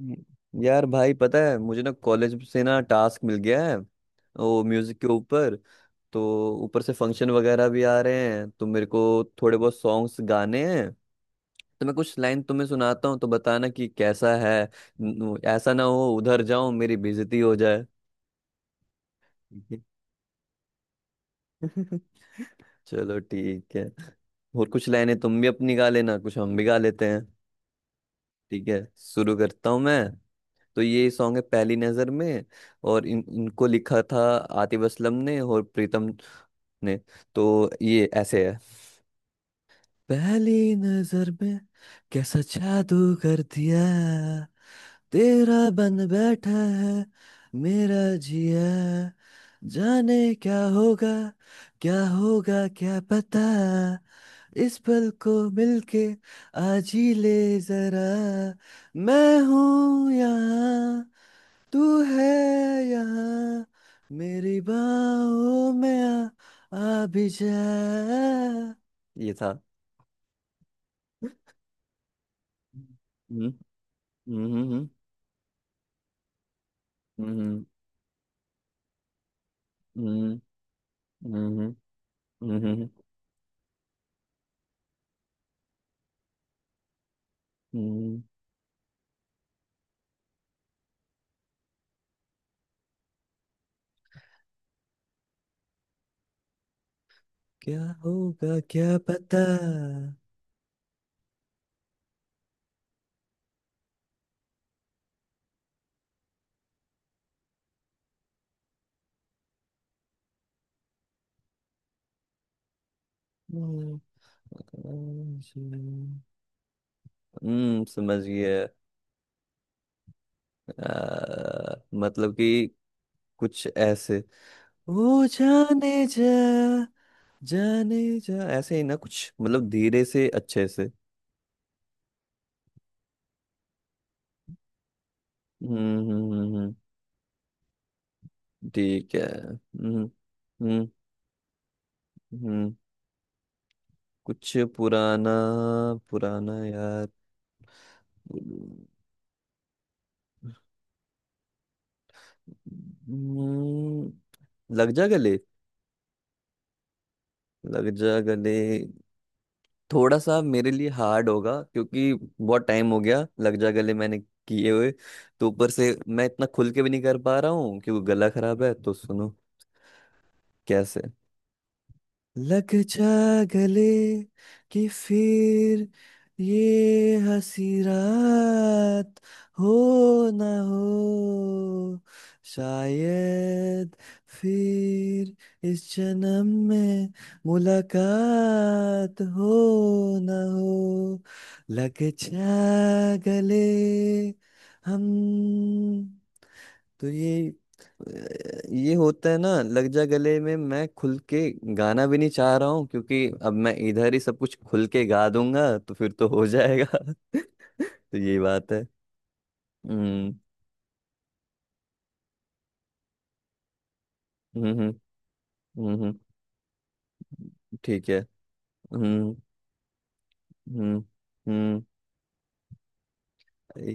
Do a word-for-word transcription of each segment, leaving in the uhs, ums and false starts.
हम्म। यार भाई पता है मुझे ना कॉलेज से ना टास्क मिल गया है वो म्यूजिक के ऊपर। तो ऊपर से फंक्शन वगैरह भी आ रहे हैं तो मेरे को थोड़े बहुत सॉन्ग्स गाने हैं। तो मैं कुछ लाइन तुम्हें सुनाता हूँ तो बताना कि कैसा है। न- ऐसा ना हो उधर जाऊं मेरी बेइज्जती हो जाए। ठीक है। चलो ठीक है। और कुछ लाइनें तुम भी अपनी गा लेना, कुछ हम भी गा लेते हैं। ठीक है, शुरू करता हूँ मैं। तो ये सॉन्ग है पहली नजर में। और इन इनको लिखा था आतिफ असलम ने और प्रीतम ने। तो ये ऐसे है। पहली नजर में कैसा जादू कर दिया, तेरा बन बैठा है मेरा जिया, जाने क्या होगा, क्या होगा क्या पता, इस पल को मिलके आज ही ले जरा, मैं हूं यहाँ, तू है यहाँ, मेरी बाहों में आ, आ भी जा। ये था। हम्म हम्म हम्म हम्म हम्म हम्म हम्म। क्या होगा क्या पता। हम्म। समझ गया। आ, मतलब कि कुछ ऐसे वो जाने जा, जाने जा ऐसे ही ना कुछ, मतलब धीरे से अच्छे से। हम्म हम्म, हम्म, हम्म। ठीक है। हम्म हम्म। हम्म, कुछ पुराना। पुराना यार। हम्म, लग जा गले। लग जा गले थोड़ा सा मेरे लिए हार्ड होगा क्योंकि बहुत टाइम हो गया लग जा गले मैंने किए हुए। तो ऊपर से मैं इतना खुल के भी नहीं कर पा रहा हूँ क्योंकि गला खराब है। तो सुनो। कैसे लग जा गले कि फिर ये हंसी रात हो ना हो, शायद फिर इस जन्म में मुलाकात हो ना हो, लग जा गले। हम। तो ये ये होता है ना लग जा गले में। मैं खुल के गाना भी नहीं चाह रहा हूँ क्योंकि अब मैं इधर ही सब कुछ खुल के गा दूंगा तो फिर तो हो जाएगा। तो ये बात है। हम्म हम्म हम्म हम्म, हम्म, ठीक है। हम्म हम्म हम्म। अरे,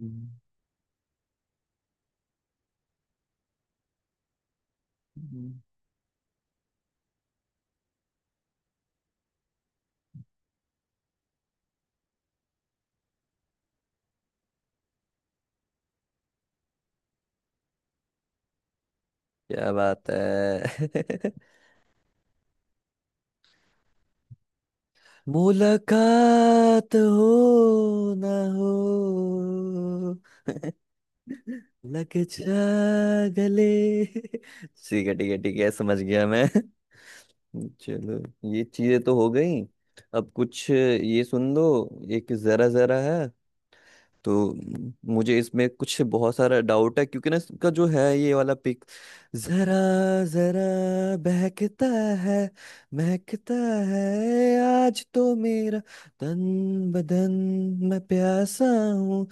हम्म, हम्म, क्या बात है। मुलाकात हो ना हो। लग जा गले। ठीक है ठीक है ठीक है, समझ गया मैं। चलो ये चीजें तो हो गई अब कुछ ये सुन दो। एक जरा जरा है। तो म, मुझे इसमें कुछ बहुत सारा डाउट है क्योंकि ना इसका जो है ये वाला पिक। जरा जरा बहकता है, महकता है आज तो मेरा तन बदन, मैं प्यासा हूँ,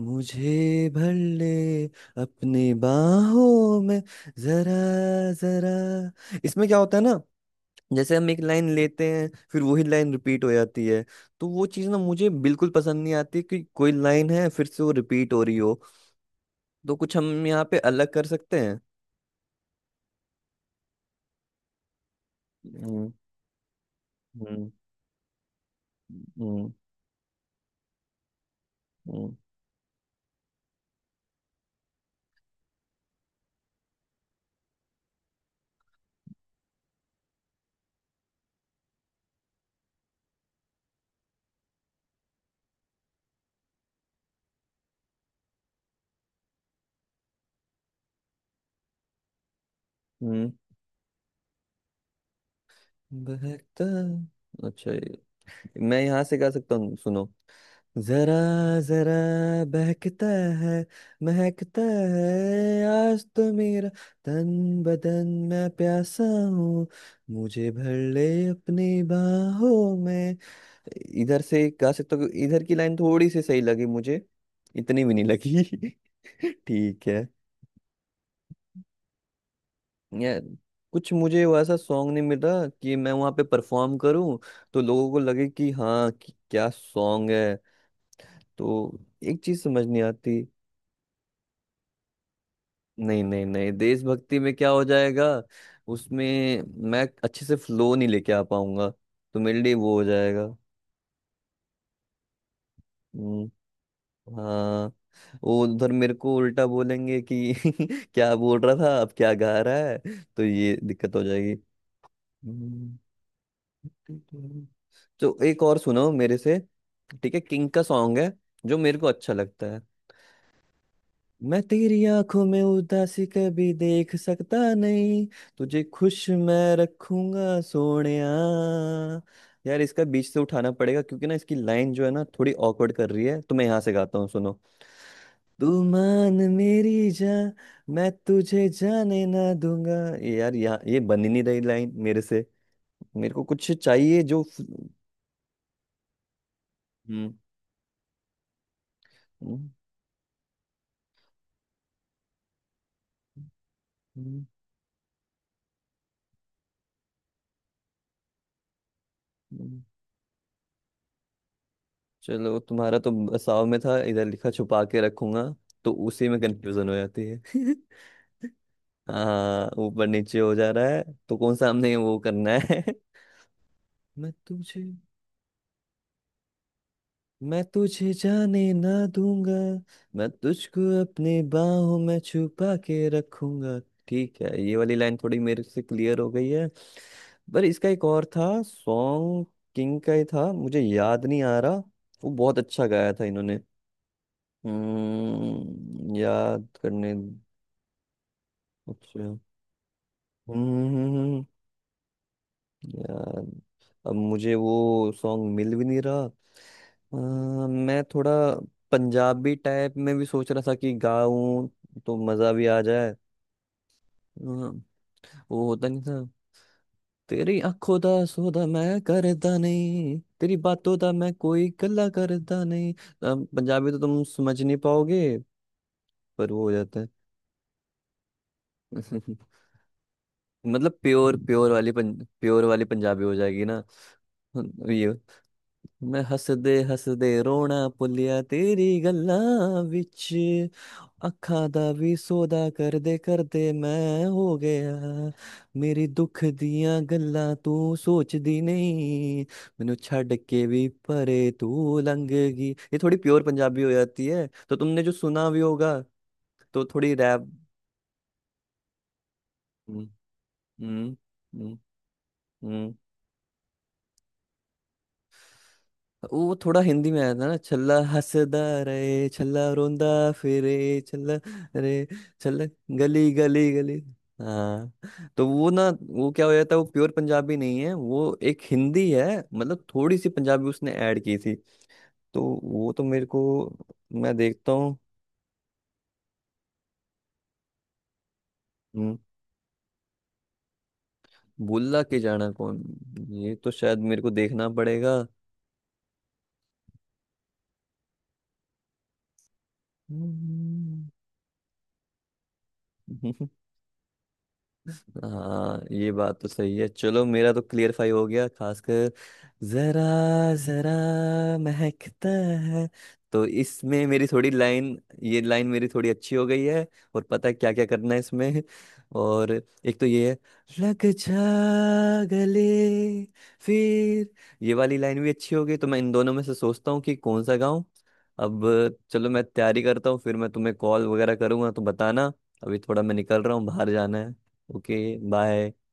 मुझे भर ले अपनी बाहों में। जरा जरा इसमें क्या होता है ना, जैसे हम एक लाइन लेते हैं फिर वही लाइन रिपीट हो जाती है। तो वो चीज़ ना मुझे बिल्कुल पसंद नहीं आती कि कोई लाइन है फिर से वो रिपीट हो रही हो। तो कुछ हम यहाँ पे अलग कर सकते हैं। हम्म हम्म हम्म हम्म हम्म, बहकता। अच्छा ये- मैं यहाँ से गा सकता हूँ सुनो। जरा जरा बहकता है, महकता है आज तो मेरा तन बदन, मैं प्यासा हूँ, मुझे भर ले अपनी बाहों में। इधर से गा सकते हो, इधर की लाइन थोड़ी सी सही लगी मुझे। इतनी भी नहीं लगी। ठीक है। यार कुछ मुझे वैसा सॉन्ग नहीं मिला कि मैं वहाँ पे परफॉर्म करूँ तो लोगों को लगे कि हाँ, कि क्या सॉन्ग है। तो एक चीज समझ नहीं आती। नहीं नहीं नहीं, देशभक्ति में क्या हो जाएगा। उसमें मैं अच्छे से फ्लो नहीं लेके आ पाऊंगा तो मेरे लिए वो हो जाएगा। हम्म, हाँ। वो उधर मेरे को उल्टा बोलेंगे कि क्या बोल रहा था अब क्या गा रहा है। तो ये दिक्कत हो जाएगी। हम्म, तो एक और सुनो मेरे से। ठीक है, किंग का सॉन्ग है जो मेरे को अच्छा लगता है। मैं तेरी आंखों में उदासी कभी देख सकता नहीं, तुझे खुश मैं रखूंगा सोनिया। यार इसका बीच से उठाना पड़ेगा क्योंकि ना इसकी लाइन जो है ना थोड़ी ऑकवर्ड कर रही है। तो मैं यहाँ से गाता हूँ सुनो। तू मान मेरी जा, मैं तुझे जाने ना दूंगा। ये यार, यहाँ ये बन ही नहीं रही लाइन मेरे से। मेरे को कुछ चाहिए जो हम्म हम्म, हम्म, हम्म, हम्म। चलो तुम्हारा तो बसाव में था, इधर लिखा छुपा के रखूंगा। तो उसी में कंफ्यूजन हो जाती है। हाँ ऊपर नीचे हो जा रहा है। तो कौन सा हमने वो करना है। मैं तुझे मैं तुझे जाने ना दूंगा, मैं तुझको अपने बाहों में छुपा के रखूंगा। ठीक है, ये वाली लाइन थोड़ी मेरे से क्लियर हो गई है। पर इसका एक और था सॉन्ग। किंग का ही था, मुझे याद नहीं आ रहा। वो बहुत अच्छा गाया था इन्होंने। हम्म, याद करने। अच्छा हम्म हम्म, हम्म, याद। अब मुझे वो सॉन्ग मिल भी नहीं रहा। अ, मैं थोड़ा पंजाबी टाइप में भी सोच रहा था कि गाऊं तो मजा भी आ जाए। अ, वो होता नहीं था। तेरी आंखों दा सौदा मैं करदा नहीं, तेरी बातों दा मैं कोई गल्ला करदा नहीं। अ, पंजाबी तो तुम समझ नहीं पाओगे, पर वो हो जाता है। मतलब प्योर प्योर वाली पंज, प्योर वाली पंजाबी हो जाएगी ना। ये मैं हंस दे हंस दे रोना पुलिया, तेरी गल्ला विच अखा दा भी सौदा कर दे कर दे, मैं हो गया। मेरी दुख दियां गल्ला तू सोचदी नहीं, मैनू छड़ के भी परे तू लंघ गई। ये थोड़ी प्योर पंजाबी हो जाती है, तो तुमने जो सुना भी होगा। तो थोड़ी रैप। हम्म हम्म हम्म हम्म। वो थोड़ा हिंदी में आया था ना। छल्ला हंसदा रहे, छल्ला रोंदा फिरे, छल्ला रे, छल्ला गली गली गली। हाँ। तो वो ना, वो क्या हो जाता है, वो प्योर पंजाबी नहीं है वो, एक हिंदी है, मतलब थोड़ी सी पंजाबी उसने ऐड की थी। तो वो तो मेरे को, मैं देखता हूँ। हम्म, भुल्ला के जाना कौन? ये तो शायद मेरे को देखना पड़ेगा। हम्म। हाँ ये बात तो सही है। चलो मेरा तो क्लियरफाई हो गया, खासकर जरा जरा महकता है। तो इसमें मेरी थोड़ी लाइन, ये लाइन मेरी थोड़ी अच्छी हो गई है। और पता है क्या क्या करना है इसमें और। एक तो ये है लग जा गले। फिर ये वाली लाइन भी अच्छी हो गई, तो मैं इन दोनों में से सोचता हूँ कि कौन सा गाऊं अब। चलो मैं तैयारी करता हूँ फिर मैं तुम्हें कॉल वगैरह करूंगा तो बताना। अभी थोड़ा मैं निकल रहा हूँ, बाहर जाना है। Okay, bye.